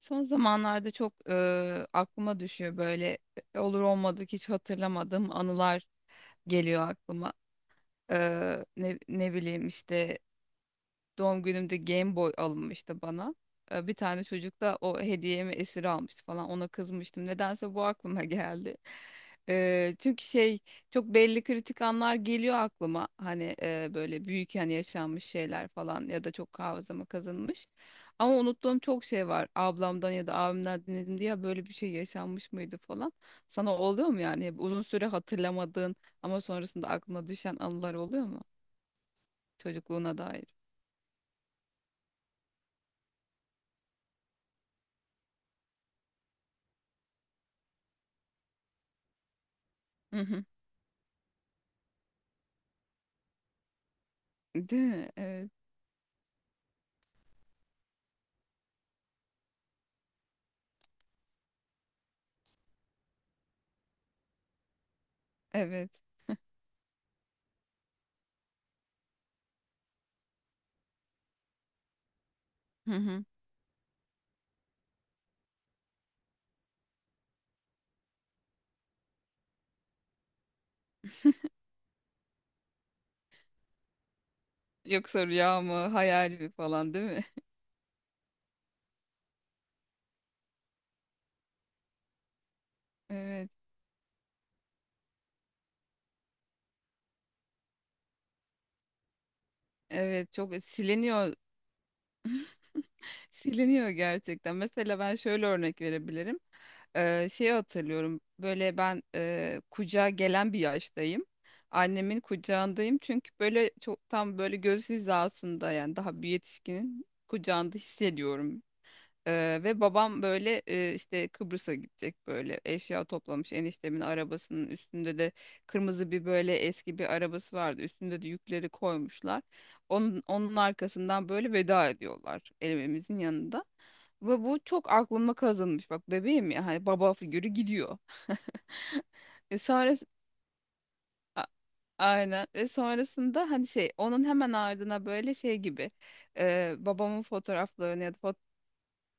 Son zamanlarda çok aklıma düşüyor böyle olur olmadık hiç hatırlamadığım anılar geliyor aklıma. Ne bileyim işte doğum günümde Game Boy alınmıştı bana. Bir tane çocuk da o hediyemi esir almıştı falan. Ona kızmıştım. Nedense bu aklıma geldi. Çünkü şey, çok belli kritik anlar geliyor aklıma. Hani böyle büyük, yani yaşanmış şeyler falan ya da çok hafızama kazınmış. Ama unuttuğum çok şey var. Ablamdan ya da abimden dinledim diye "Ya böyle bir şey yaşanmış mıydı" falan. Sana oluyor mu yani? Hep uzun süre hatırlamadığın ama sonrasında aklına düşen anılar oluyor mu? Çocukluğuna dair. Değil mi? Evet. Evet. Hı hı. Yoksa rüya mı, hayal mi falan, değil mi? Evet. Evet, çok siliniyor. Siliniyor gerçekten. Mesela ben şöyle örnek verebilirim. Şeyi hatırlıyorum. Böyle ben kucağa gelen bir yaştayım. Annemin kucağındayım. Çünkü böyle çok, tam böyle göz hizasında, yani daha bir yetişkinin kucağında hissediyorum. Ve babam böyle işte Kıbrıs'a gidecek, böyle eşya toplamış, eniştemin arabasının üstünde de kırmızı bir böyle eski bir arabası vardı, üstünde de yükleri koymuşlar, onun arkasından böyle veda ediyorlar evimizin yanında, ve bu çok aklıma kazınmış. Bak bebeğim ya, hani baba figürü gidiyor. e sonra a- aynen, ve sonrasında hani şey, onun hemen ardına böyle şey gibi, babamın fotoğraflarını ya da fo-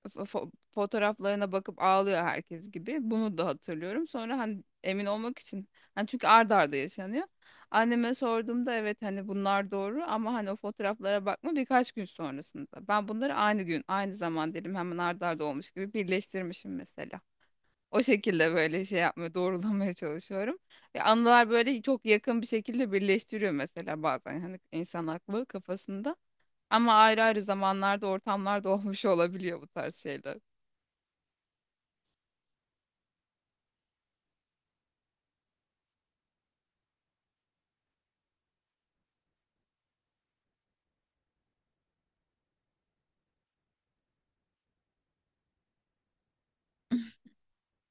fo- fotoğraflarına bakıp ağlıyor herkes gibi. Bunu da hatırlıyorum. Sonra hani emin olmak için, hani çünkü ard arda yaşanıyor. Anneme sorduğumda evet, hani bunlar doğru ama hani o fotoğraflara bakma birkaç gün sonrasında. Ben bunları aynı gün, aynı zaman dedim, hemen ard arda olmuş gibi birleştirmişim mesela. O şekilde böyle şey yapmaya, doğrulamaya çalışıyorum. Anılar böyle çok yakın bir şekilde birleştiriyor mesela bazen, hani insan aklı kafasında. Ama ayrı ayrı zamanlarda, ortamlarda olmuş olabiliyor bu tarz şeyler.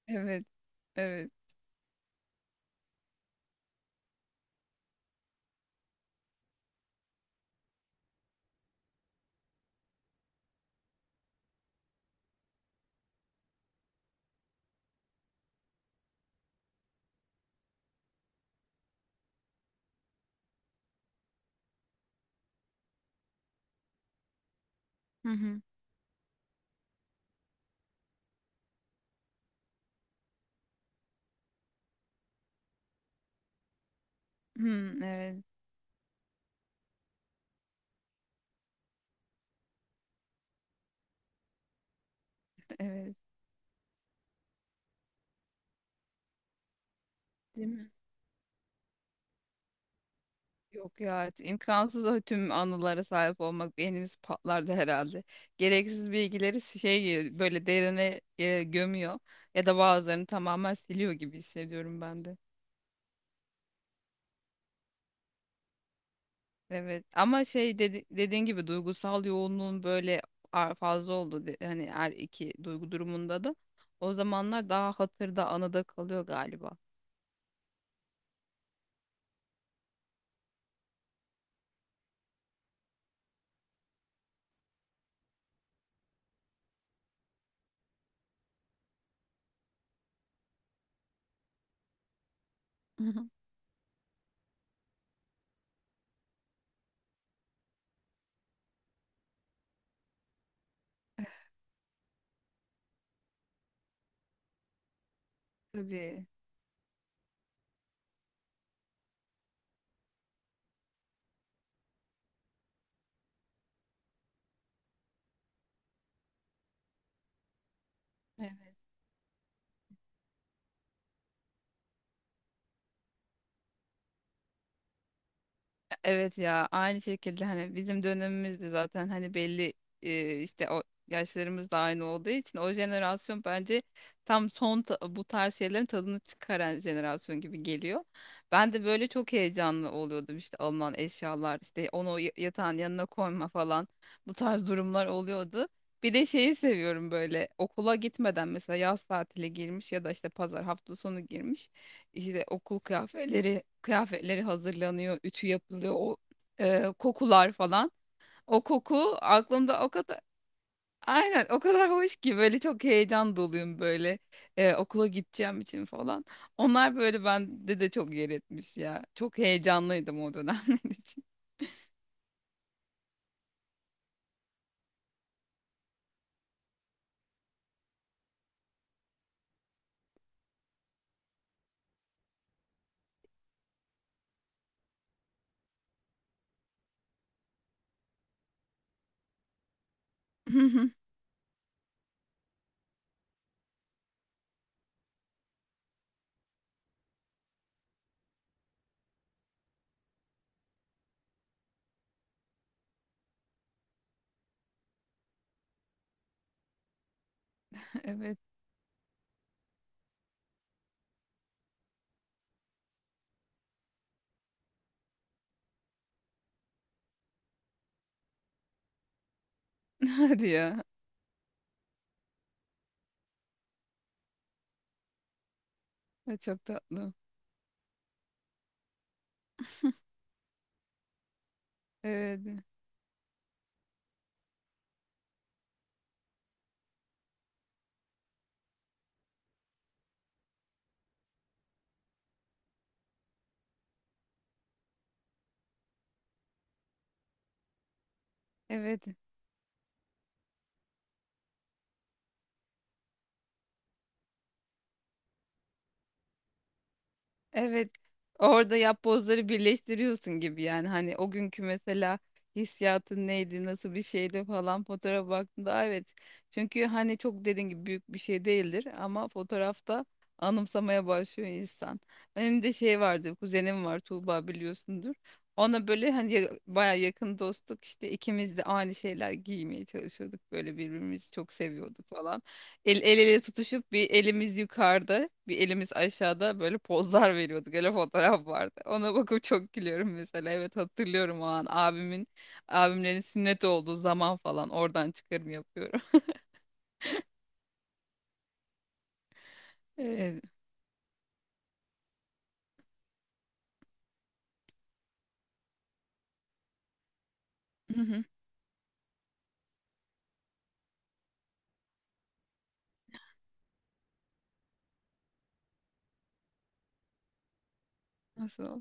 Evet. Evet. Hı hı. Hı, evet. Evet. Değil mi? Yok ya. İmkansız o tüm anılara sahip olmak. Beynimiz patlardı herhalde. Gereksiz bilgileri şey, böyle derine gömüyor. Ya da bazılarını tamamen siliyor gibi hissediyorum ben de. Evet. Ama şey, dediğin gibi duygusal yoğunluğun böyle fazla oldu. Hani her iki duygu durumunda da. O zamanlar daha hatırda, anıda kalıyor galiba. Tabii. Evet. Evet ya, aynı şekilde hani bizim dönemimizde zaten hani belli işte o yaşlarımız da aynı olduğu için, o jenerasyon bence tam bu tarz şeylerin tadını çıkaran jenerasyon gibi geliyor. Ben de böyle çok heyecanlı oluyordum işte, alınan eşyalar işte, onu yatağın yanına koyma falan, bu tarz durumlar oluyordu. Bir de şeyi seviyorum, böyle okula gitmeden mesela, yaz tatile girmiş ya da işte pazar, hafta sonu girmiş, işte okul kıyafetleri hazırlanıyor, ütü yapılıyor, o kokular falan. O koku aklımda o kadar, aynen o kadar hoş ki, böyle çok heyecan doluyum böyle, okula gideceğim için falan. Onlar böyle bende de çok yer etmiş ya. Çok heyecanlıydım o dönemler için. Evet. Hadi ya. Ay, çok tatlı. Evet. Evet. Evet. Orada yapbozları birleştiriyorsun gibi, yani hani o günkü mesela hissiyatın neydi, nasıl bir şeydi falan, fotoğrafa baktığında "Aa, evet." Çünkü hani çok, dediğin gibi büyük bir şey değildir ama fotoğrafta anımsamaya başlıyor insan. Benim de şey vardı, kuzenim var Tuğba, biliyorsundur. Ona böyle hani baya yakın dostluk, işte ikimiz de aynı şeyler giymeye çalışıyorduk, böyle birbirimizi çok seviyorduk falan. El ele tutuşup bir elimiz yukarıda, bir elimiz aşağıda, böyle pozlar veriyorduk. Öyle fotoğraf vardı. Ona bakıp çok gülüyorum mesela. Evet, hatırlıyorum o an abimin, abimlerin sünnet olduğu zaman falan, oradan çıkarım yapıyorum. Evet. Hı hı. Nasıl?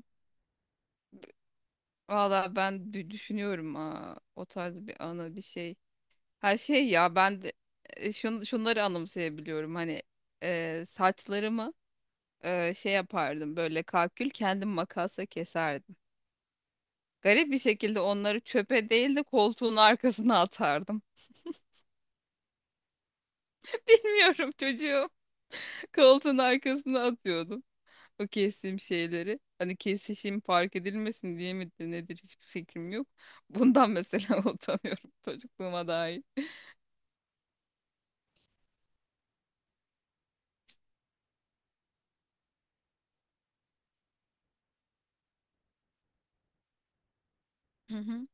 Valla ben düşünüyorum, aa, o tarz bir anı bir şey. Her şey ya, ben de e, şun, şunları anımsayabiliyorum. Hani saçlarımı şey yapardım, böyle kalkül kendim makasla keserdim. Garip bir şekilde onları çöpe değil de koltuğun arkasına atardım. Bilmiyorum çocuğum. Koltuğun arkasına atıyordum, o kestiğim şeyleri. Hani kesişim fark edilmesin diye mi de nedir, hiçbir fikrim yok. Bundan mesela utanıyorum çocukluğuma dair. Hı hı.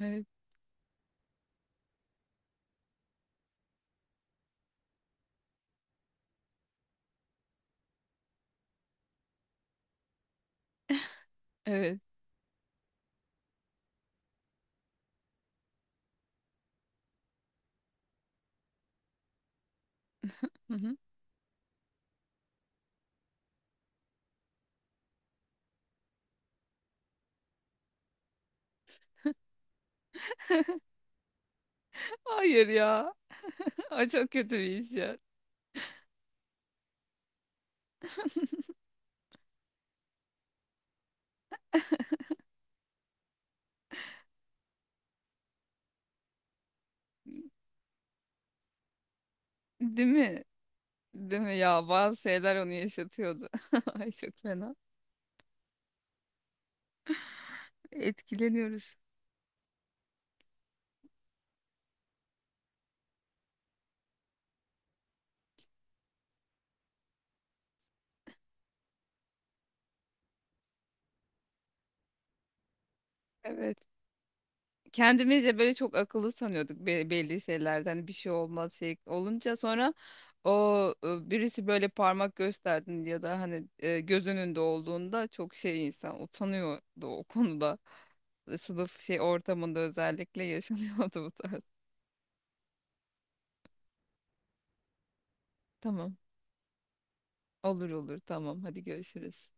Evet. Evet. Hı hı. Hayır ya. Ay çok kötü bir iş ya. Değil mi? Değil mi ya? Bazı şeyler onu yaşatıyordu. Ay çok fena. Etkileniyoruz. Evet. Kendimizce böyle çok akıllı sanıyorduk, belli şeylerden, hani bir şey olmaz şey olunca, sonra o birisi böyle parmak gösterdin ya da hani göz önünde olduğunda çok şey, insan utanıyordu o konuda. Sınıf şey ortamında özellikle yaşanıyordu bu tarz. Tamam. Olur olur, tamam, hadi görüşürüz.